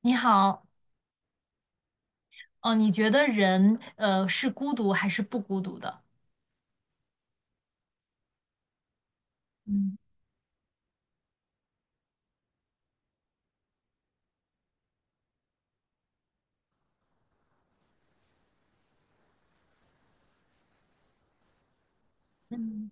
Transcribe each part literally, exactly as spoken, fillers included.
你好。哦，你觉得人呃是孤独还是不孤独的？嗯嗯。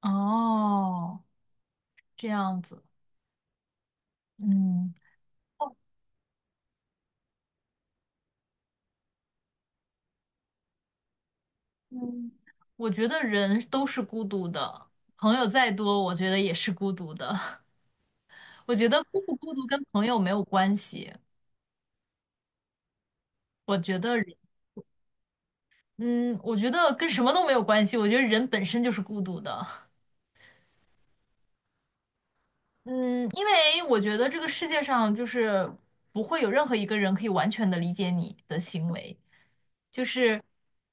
哦，这样子。嗯。嗯，我觉得人都是孤独的，朋友再多，我觉得也是孤独的。我觉得孤不孤独跟朋友没有关系。我觉得人嗯，我觉得跟什么都没有关系，我觉得人本身就是孤独的。嗯，因为我觉得这个世界上就是不会有任何一个人可以完全的理解你的行为。就是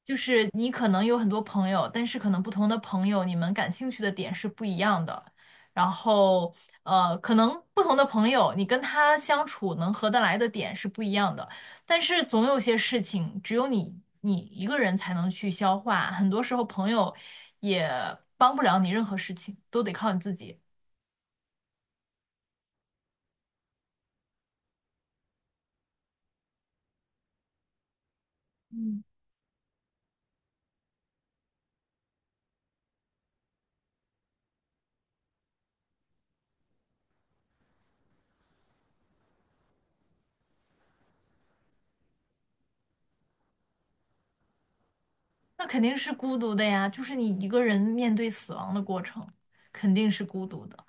就是你可能有很多朋友，但是可能不同的朋友，你们感兴趣的点是不一样的。然后呃，可能不同的朋友，你跟他相处能合得来的点是不一样的。但是总有些事情，只有你你一个人才能去消化。很多时候，朋友也帮不了你任何事情，都得靠你自己。嗯，那肯定是孤独的呀，就是你一个人面对死亡的过程，肯定是孤独的。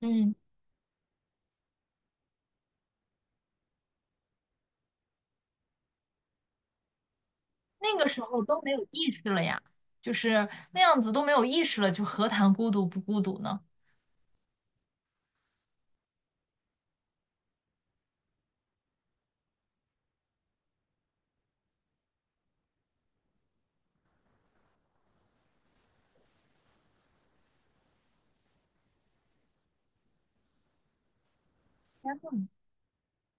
嗯。那个时候都没有意识了呀，就是那样子都没有意识了，就何谈孤独不孤独呢？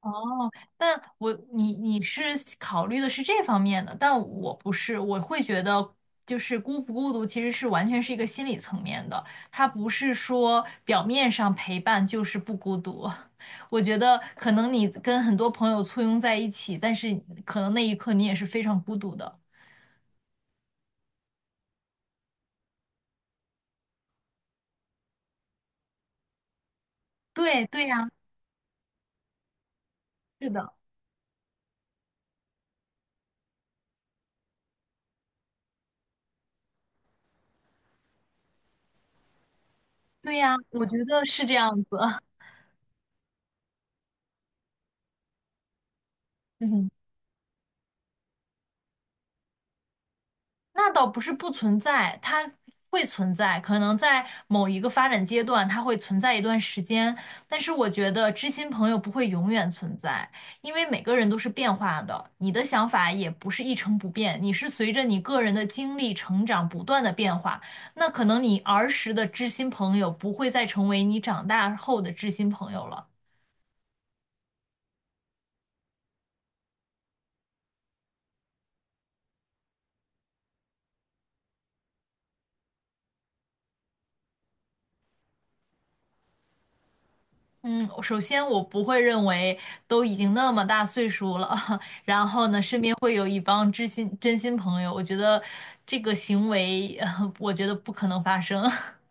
哦，但我你你是考虑的是这方面的，但我不是，我会觉得就是孤不孤独其实是完全是一个心理层面的，它不是说表面上陪伴就是不孤独。我觉得可能你跟很多朋友簇拥在一起，但是可能那一刻你也是非常孤独的。对对呀。是的。对呀，我觉得是这样子。嗯，那倒不是不存在，它会存在，可能在某一个发展阶段，它会存在一段时间。但是我觉得知心朋友不会永远存在，因为每个人都是变化的，你的想法也不是一成不变，你是随着你个人的经历成长不断的变化。那可能你儿时的知心朋友不会再成为你长大后的知心朋友了。嗯，首先我不会认为都已经那么大岁数了，然后呢，身边会有一帮知心真心朋友，我觉得这个行为，呃我觉得不可能发生。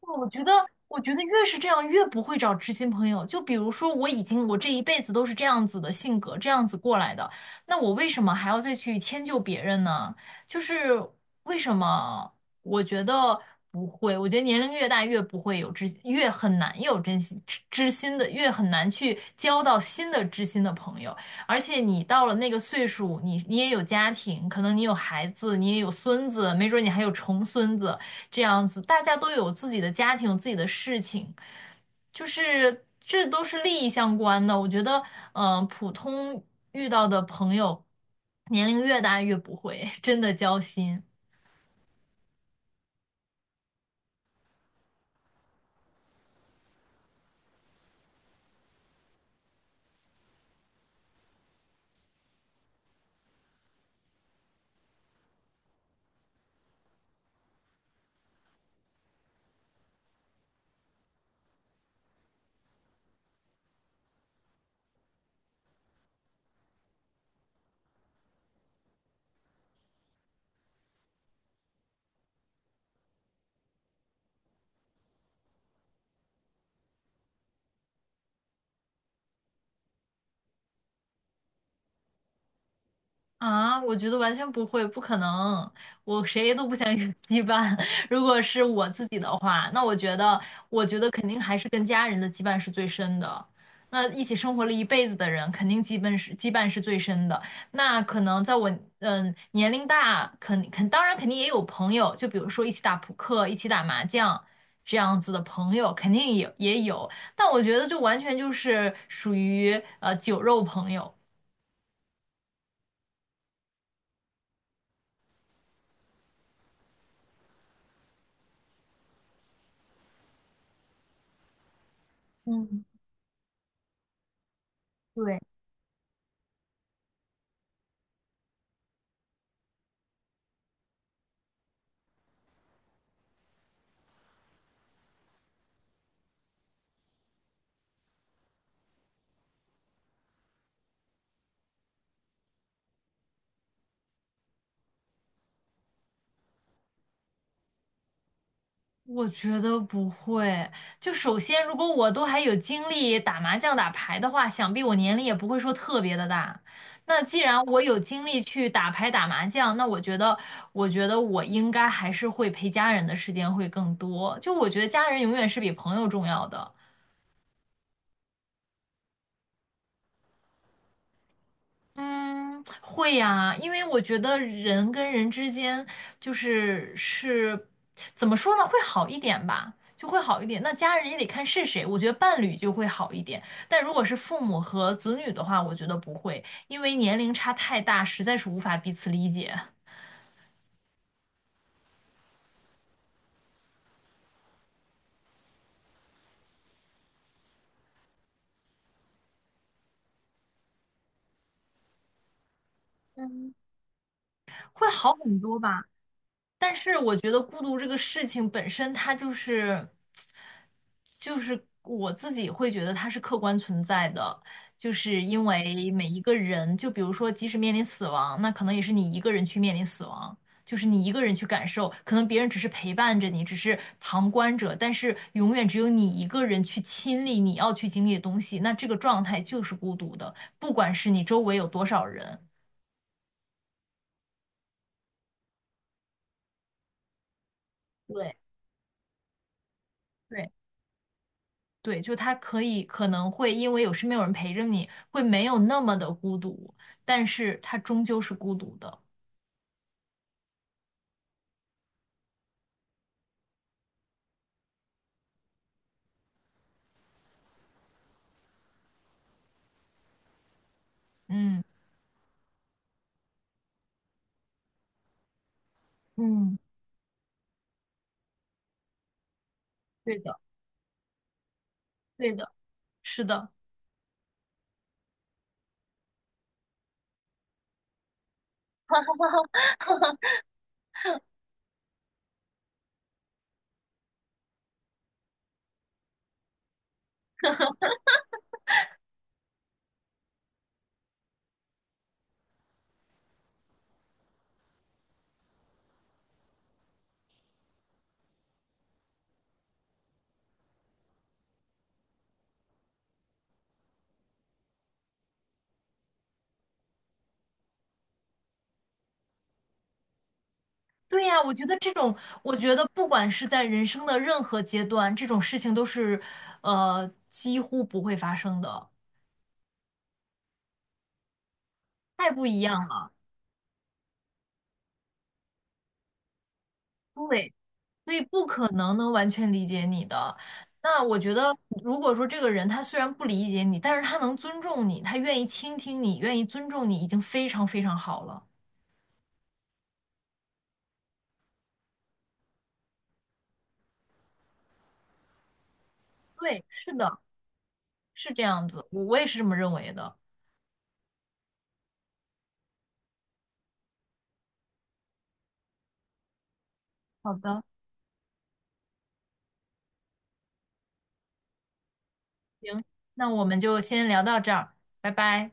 我觉得，我觉得越是这样，越不会找知心朋友。就比如说，我已经我这一辈子都是这样子的性格，这样子过来的，那我为什么还要再去迁就别人呢？就是为什么？我觉得不会，我觉得年龄越大越不会有知，越很难有真心知知心的，越很难去交到新的知心的朋友。而且你到了那个岁数，你你也有家庭，可能你有孩子，你也有孙子，没准你还有重孙子，这样子，大家都有自己的家庭，有自己的事情，就是这都是利益相关的。我觉得，嗯、普通遇到的朋友，年龄越大越不会真的交心。啊，我觉得完全不会，不可能，我谁都不想有羁绊。如果是我自己的话，那我觉得，我觉得肯定还是跟家人的羁绊是最深的。那一起生活了一辈子的人，肯定羁绊是羁绊是最深的。那可能在我嗯年龄大，肯肯当然肯定也有朋友，就比如说一起打扑克、一起打麻将这样子的朋友，肯定也也有。但我觉得就完全就是属于呃酒肉朋友。嗯，对。我觉得不会。就首先，如果我都还有精力打麻将、打牌的话，想必我年龄也不会说特别的大。那既然我有精力去打牌、打麻将，那我觉得，我觉得我应该还是会陪家人的时间会更多。就我觉得家人永远是比朋友重要的。嗯，会呀，因为我觉得人跟人之间就是是怎么说呢，会好一点吧，就会好一点。那家人也得看是谁，我觉得伴侣就会好一点。但如果是父母和子女的话，我觉得不会，因为年龄差太大，实在是无法彼此理解，会好很多吧。但是我觉得孤独这个事情本身，它就是就是我自己会觉得它是客观存在的，就是因为每一个人，就比如说，即使面临死亡，那可能也是你一个人去面临死亡，就是你一个人去感受，可能别人只是陪伴着你，只是旁观者，但是永远只有你一个人去亲历你要去经历的东西，那这个状态就是孤独的，不管是你周围有多少人。对。对对，就他可以可能会因为有身边有人陪着你，会没有那么的孤独，但是他终究是孤独的。嗯。嗯，对的，对的，是的。对呀，我觉得这种，我觉得不管是在人生的任何阶段，这种事情都是，呃，几乎不会发生的，太不一样了。对。所以不可能能完全理解你的。那我觉得，如果说这个人他虽然不理解你，但是他能尊重你，他愿意倾听你，愿意尊重你，已经非常非常好了。对，是的，是这样子，我我也是这么认为的。好的，行，那我们就先聊到这儿，拜拜。